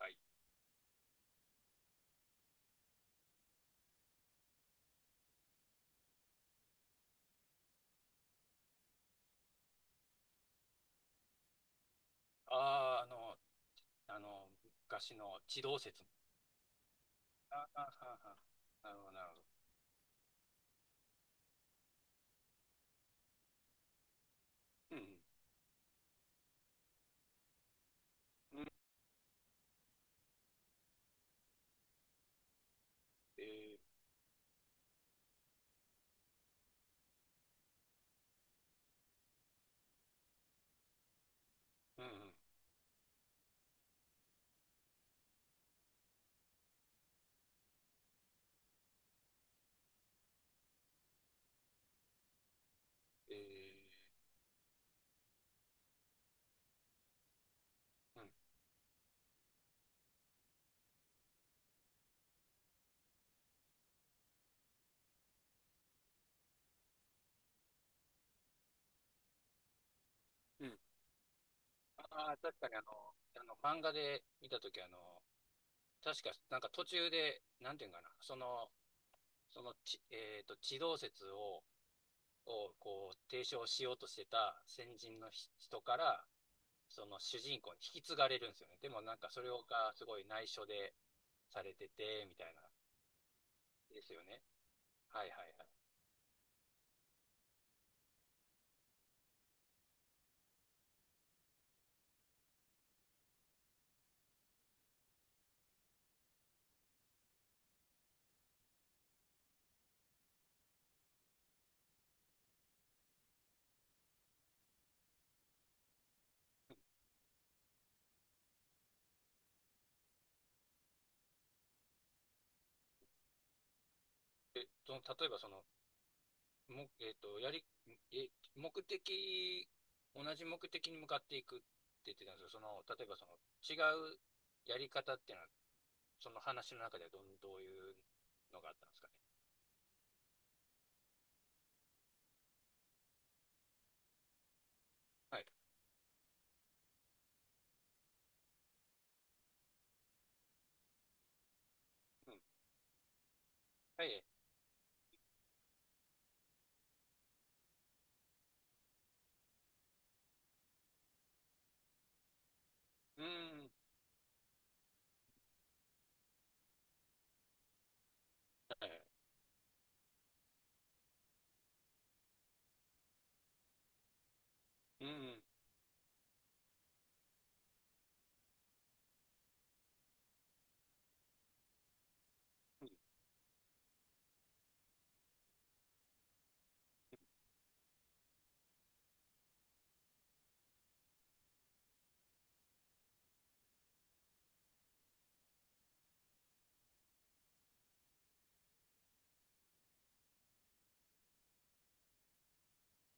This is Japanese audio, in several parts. はい。ああ、昔の地動説。ああ、なるほど、なるほど。うんうん、うん、えー、うんうん、えうん、うん。ああ、確かに漫画で見たとき、確か、なんか途中で、なんていうんかな、その、そのち、えっと、地動説を、こう、提唱しようとしてた先人のひ人から、その主人公に引き継がれるんですよね。でもなんかそれがすごい内緒でされてて、みたいな、ですよね。はいはいはい。その、例えばその、も、えっと、やり、え、目的、同じ目的に向かっていくって言ってたんですけど、その、例えばその、違うやり方っていうのは、その話の中ではどん、どういうのがあったんですかね。はい。うん。はい。うん。はい。うん。うん。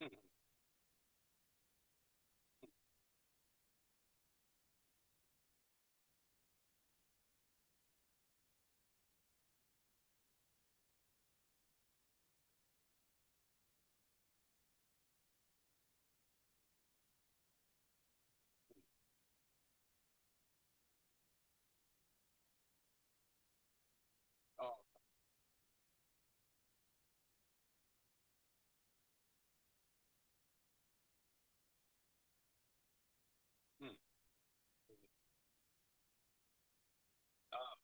うん。あ、うん。あ、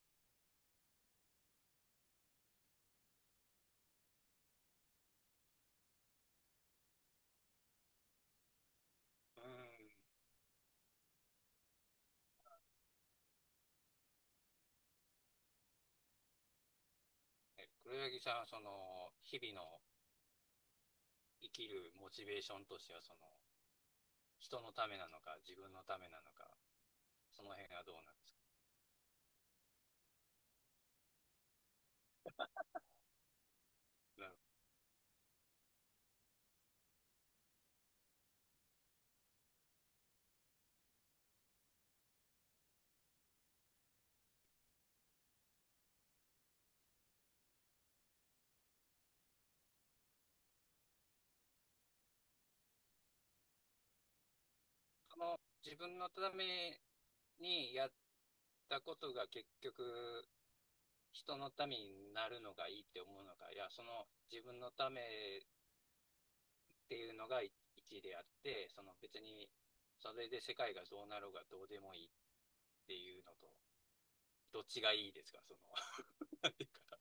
うん。黒柳さんはその、日々の生きるモチベーションとしては、その、人のためなのか、自分のためなのか、その辺はどうなんですか。なるその自分のためにやったことが結局人のためになるのがいいって思うのか、いや、その自分のためっていうのが一一であって、その別にそれで世界がどうなろうがどうでもいいっていうのと、どっちがいいですか、その なんていうか、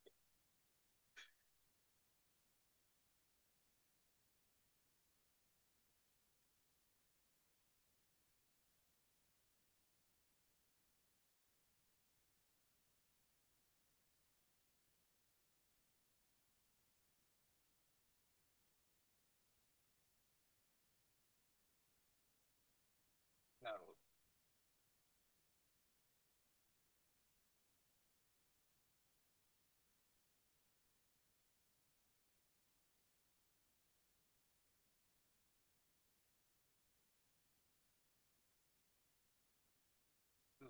なるほど。うん。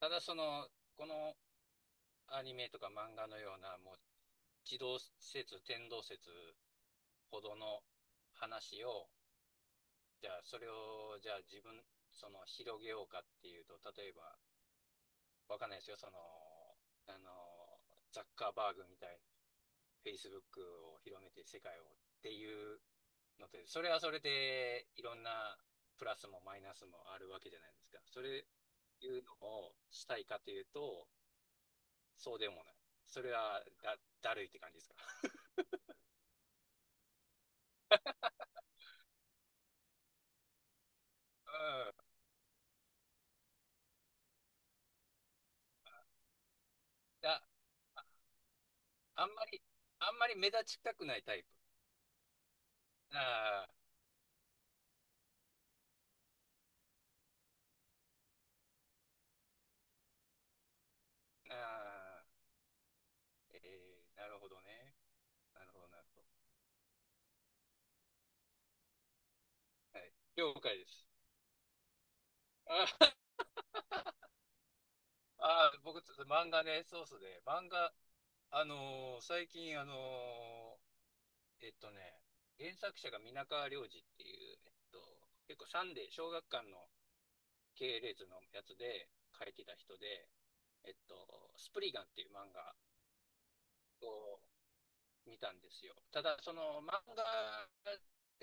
ただその、このアニメとか漫画のような、もう、地動説、天動説ほどの話をじゃあ、それを、じゃあ自分、その、広げようかっていうと、例えば、わかんないですよ、その、あの、ザッカーバーグみたいに、Facebook を広めて世界をっていうのって、それはそれで、いろんなプラスもマイナスもあるわけじゃないですか。それいうのをしたいかというと、そうでもない。それはだ、だるいって感じですか。うん。だ、ああんまり、あんまり目立ちたくないタイプ。ああ、ああ。なるほどね。なるほど、なるほど。はい。了解です。ああー、僕、漫画ね、そうそうで、漫画、最近、ーえっとね、原作者が皆川亮司っていう、結構サンデー、小学館の系列のやつで書いてた人で、えっと、スプリガンっていう漫画を見たんですよ。ただ、その漫画、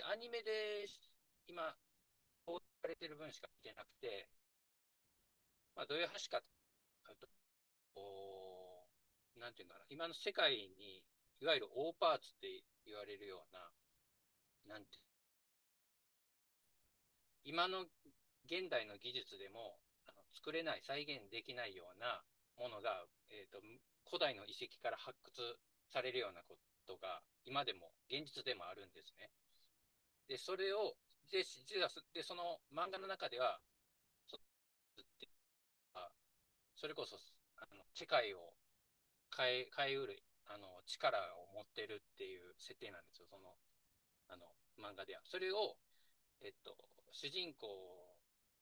アニメで今、放送されてる分しか見てなくて、まあ、どういう話かっあとこうなんていうんだ今の世界に、いわゆる大パーツって言われるような、なんて、今の現代の技術でも作れない、再現できないようなものが、古代の遺跡から発掘されるようなことが、今でも、現実でもあるんですね。で、それを、で、実はでその漫画の中では、そそれこそ、あの世界を変えうる、力を持ってるっていう設定なんですよ、その、あの、漫画では。それを、えっと、主人公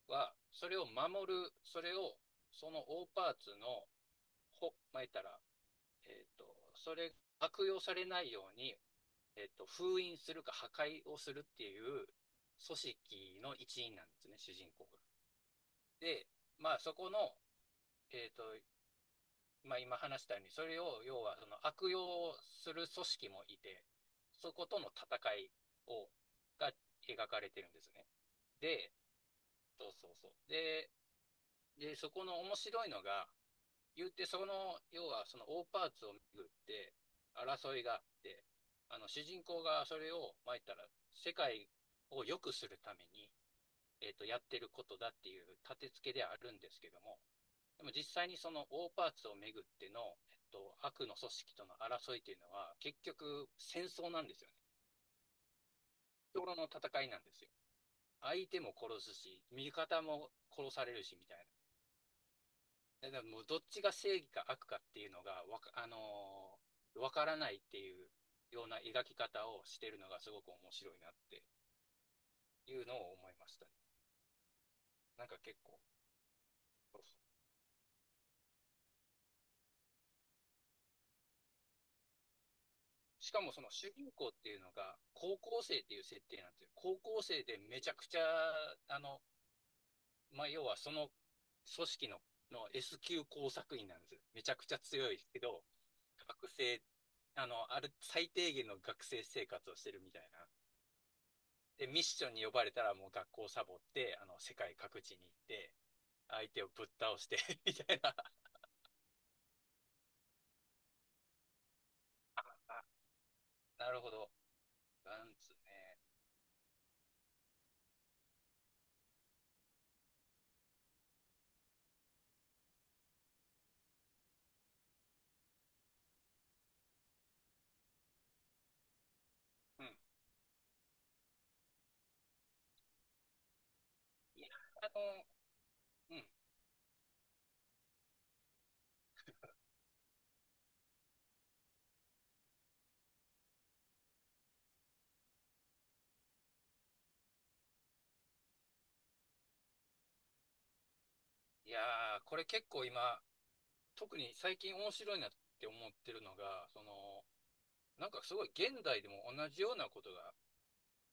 は、それを守る、それを、その大パーツの、まえたら、えっと、それ、悪用されないように、封印するか破壊をするっていう組織の一員なんですね、主人公が。で、まあ、そこの、えっと、まあ、今話したように、それを要はその悪用する組織もいて、そことの戦いをが描かれてるんですね。で、そうそうそう。でそこの面白いのが、言ってその要はその大パーツを巡って争いがあって、あの主人公がそれを、まいたら世界を良くするために、やってることだっていう立て付けではあるんですけども、でも実際にその大パーツをめぐっての、悪の組織との争いというのは、結局戦争なんですよね。日頃の戦いなんですよ。相手も殺すし、味方も殺されるし、みたいな。だからもうどっちが正義か悪かっていうのが、わか、あのーわからないっていうような描き方をしてるのがすごく面白いなっていうのを思いましたね。なんか結構。そうそうしかもその主人公っていうのが高校生っていう設定なんですよ。高校生でめちゃくちゃ、まあ、要はその組織の S 級工作員なんですめちゃくちゃ強いけど、学生、あの、ある、最低限の学生生活をしてるみたいな。で、ミッションに呼ばれたらもう学校をサボって、世界各地に行って、相手をぶっ倒して みたいな。なるほど。なんつね。うん。いや、あの、うん。いやー、これ結構今、特に最近面白いなって思ってるのが、その、なんかすごい現代でも同じようなことが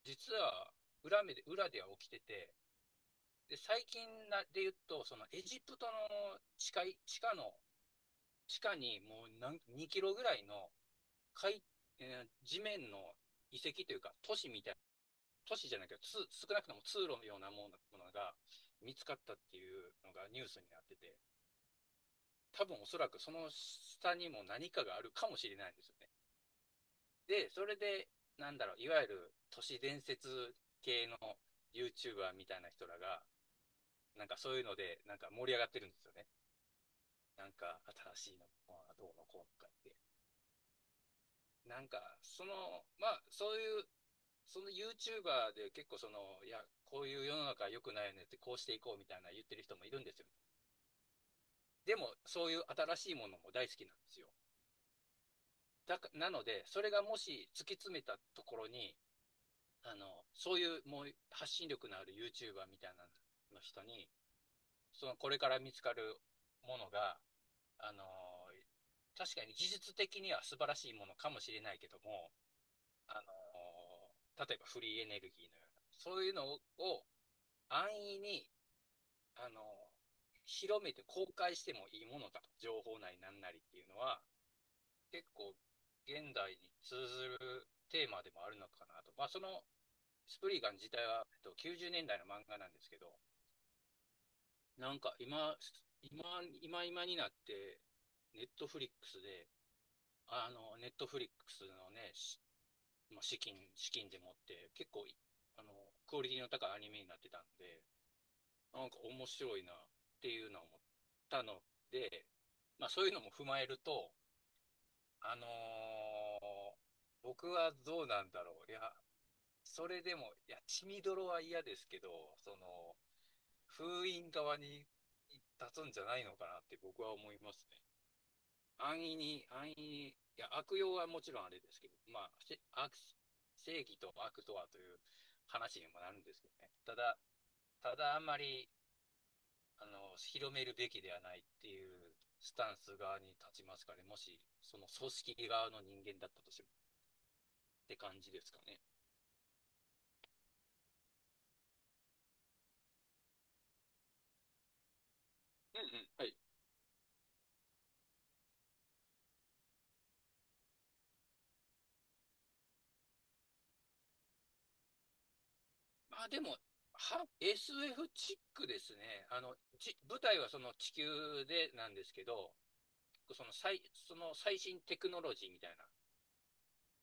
実は裏目で裏では起きてて、で最近なで言うと、そのエジプトの地下地下の地下にもう何2キロぐらいの海、地面の遺跡、都市じゃないけど、つ少なくとも通路のようなものが見つかったっていうのがニュースになってて、多分おそらくその下にも何かがあるかもしれないんですよね。で、それで、なんだろう、いわゆる都市伝説系の YouTuber みたいな人らが、なんかそういうので、なんか盛り上がってるんですよね。なんか新しいのがどうのこうのかって。なんか、その、まあ、そういう、その YouTuber で結構その、いや、こういう世の中良くないよねって、こうしていこうみたいな言ってる人もいるんですよね。でも、そういう新しいものも大好きなんですよ。だかなので、それがもし突き詰めたところに、あの、そういうもう発信力のある YouTuber みたいなの人に、そのこれから見つかるものが、あのー確かに技術的には素晴らしいものかもしれないけども、あの例えばフリーエネルギーのような、そういうのを安易に、あのー広めて公開してもいいものだと、情報内なんなりっていうのは、結構現代に通ずるテーマでもあるのかなと。まあ、そのスプリーガン自体は、90年代の漫画なんですけど、なんか今、今になって、ネットフリックスで、ネットフリックスのね、まあ、資金でもって、結構あの、クオリティの高いアニメになってたんで、なんか面白いなっていうのを思ったので、まあそういうのも踏まえると、あのー僕はどうなんだろう。いや、それでも、いや、血みどろは嫌ですけど、その、封印側に立つんじゃないのかなって僕は思いますね。安易に、いや、悪用はもちろんあれですけど、まあ、悪正義と悪とはという話にもなるんですけどね。ただあんまり、広めるべきではないっていうスタンス側に立ちますかね。もし、その組織側の人間だったとしてもって感じですかね。うんうん。はい。まあでも、は SF チックですね。舞台はその地球でなんですけど、その最、その最新テクノロジーみたい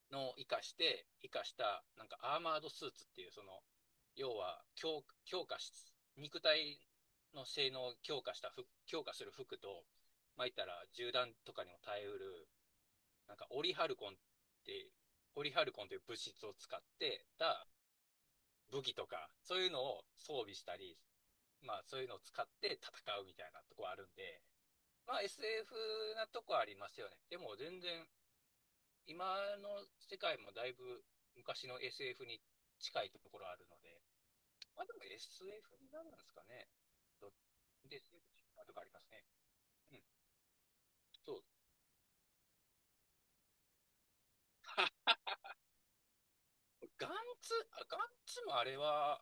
なのを活かした、なんかアーマードスーツっていう、その、要は強、強化し、肉体の性能を強化した服、強化する服と、まあ、言ったら銃弾とかにも耐えうる、なんかオリハルコンって、オリハルコンという物質を使ってた武器とか、そういうのを装備したり、まあそういうのを使って戦うみたいなとこあるんで、まあ SF なとこありますよね。でも全然、今の世界もだいぶ昔の SF に近いところあるので、まあでも SF になるんですかね。SF で、とかありますね。うん、そう。ガンガンツもあれは、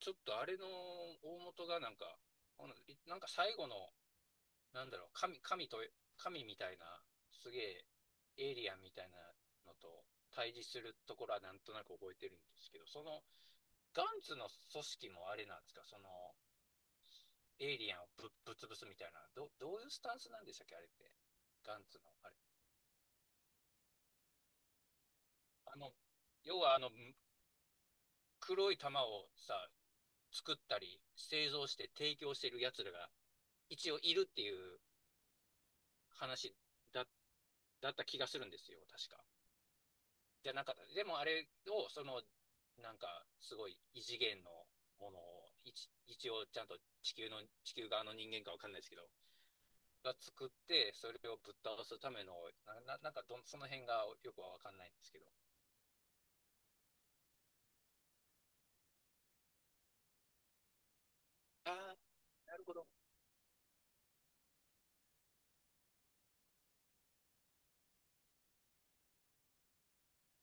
ちょっとあれの大元がなんか、のなんか最後のなんだろう、神と、神みたいな、すげえ、エイリアンみたいなのと対峙するところはなんとなく覚えてるんですけど、その、ガンツの組織もあれなんですか、その、エイリアンをぶつぶすみたいな、どういうスタンスなんでしたっけ、あれって。ガンツの、あれ。あの、要はあの、黒い玉をさ、作ったり、製造して提供してる奴らが一応いるっていう話だ、だった気がするんですよ、確か。じゃなかった。でもあれを、その、なんか、すごい異次元のものを、一応ちゃんと地球の、地球側の人間かわかんないですけど、が作って、それをぶっ倒すための、なんかその辺がよくはわかんないんですけど。ああ、なるほど。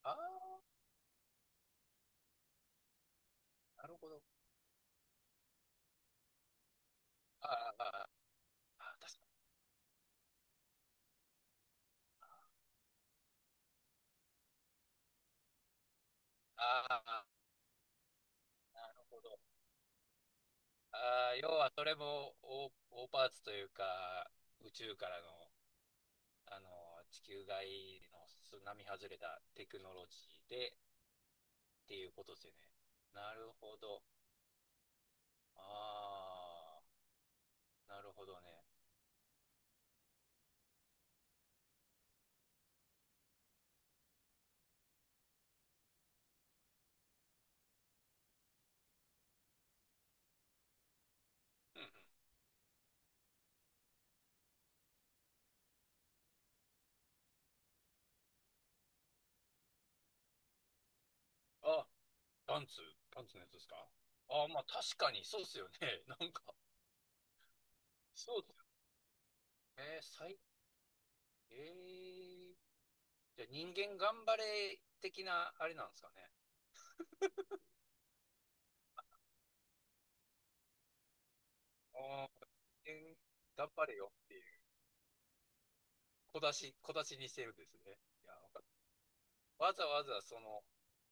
ああ、なるほど。ああ、ああ、確かに。ああ、なるほど。ああ、要はそれも大、大パーツというか、宇宙からの、あの、地球外の外れたテクノロジーで、っていうことですよね。なるほど。ああ、なるほどね。うんうん。あ、パンツ、パンツのやつですか。ああ、まあ確かにそうですよね。なんか、そうですよね。ええ、じゃあ人間頑張れ的なあれなんですかね。ああ、人間頑張れよっていう、小出しにしてるんですね。いや、わかった。わざわざその、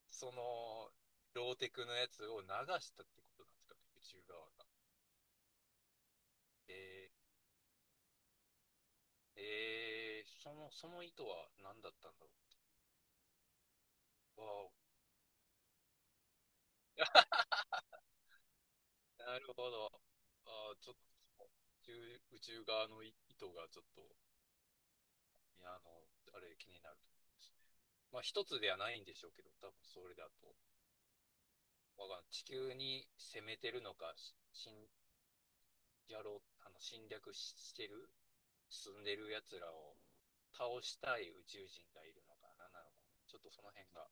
その、ローテクのやつを流したってことなんですかね、宇宙側が。えーその、その意図は何だったんだろう。わお。いや、なるほど。あー、ちょっと、宇宙側の意図がちょっと、いや、あの、あれ気になるところですね。まあ、一つではないんでしょうけど、多分それだと、わかんない、地球に攻めてるのか、し侵、やろう、あの、侵略ししてる、住んでる奴らを倒したい宇宙人がいるのか、なんなのか、ちょっとその辺が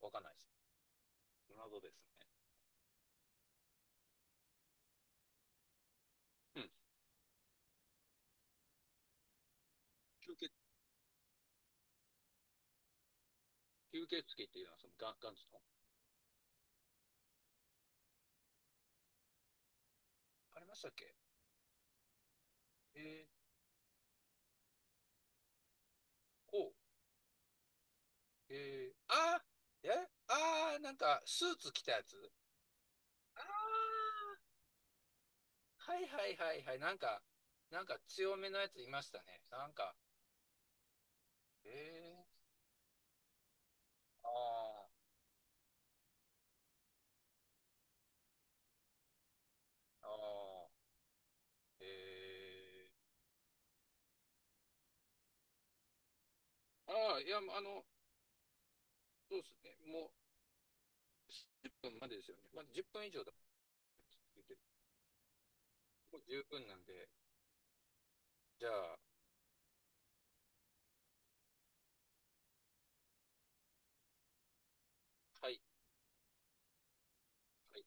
わかんないです。謎ですね。うん。吸血吸血鬼っていうのはそのガンガンズの。ありましたっけ。えー、お。えー、あー、え、あー、なんかスーツ着たやつ。あー、はいはいはいはい、なんか、なんか強めのやついましたね、なんか。えー、あー、あー、えー、あー、いや、あの、そうですね、もう10分までですよね。まあ10分以上だ、もう十分なんで、じゃあ、はい。はい。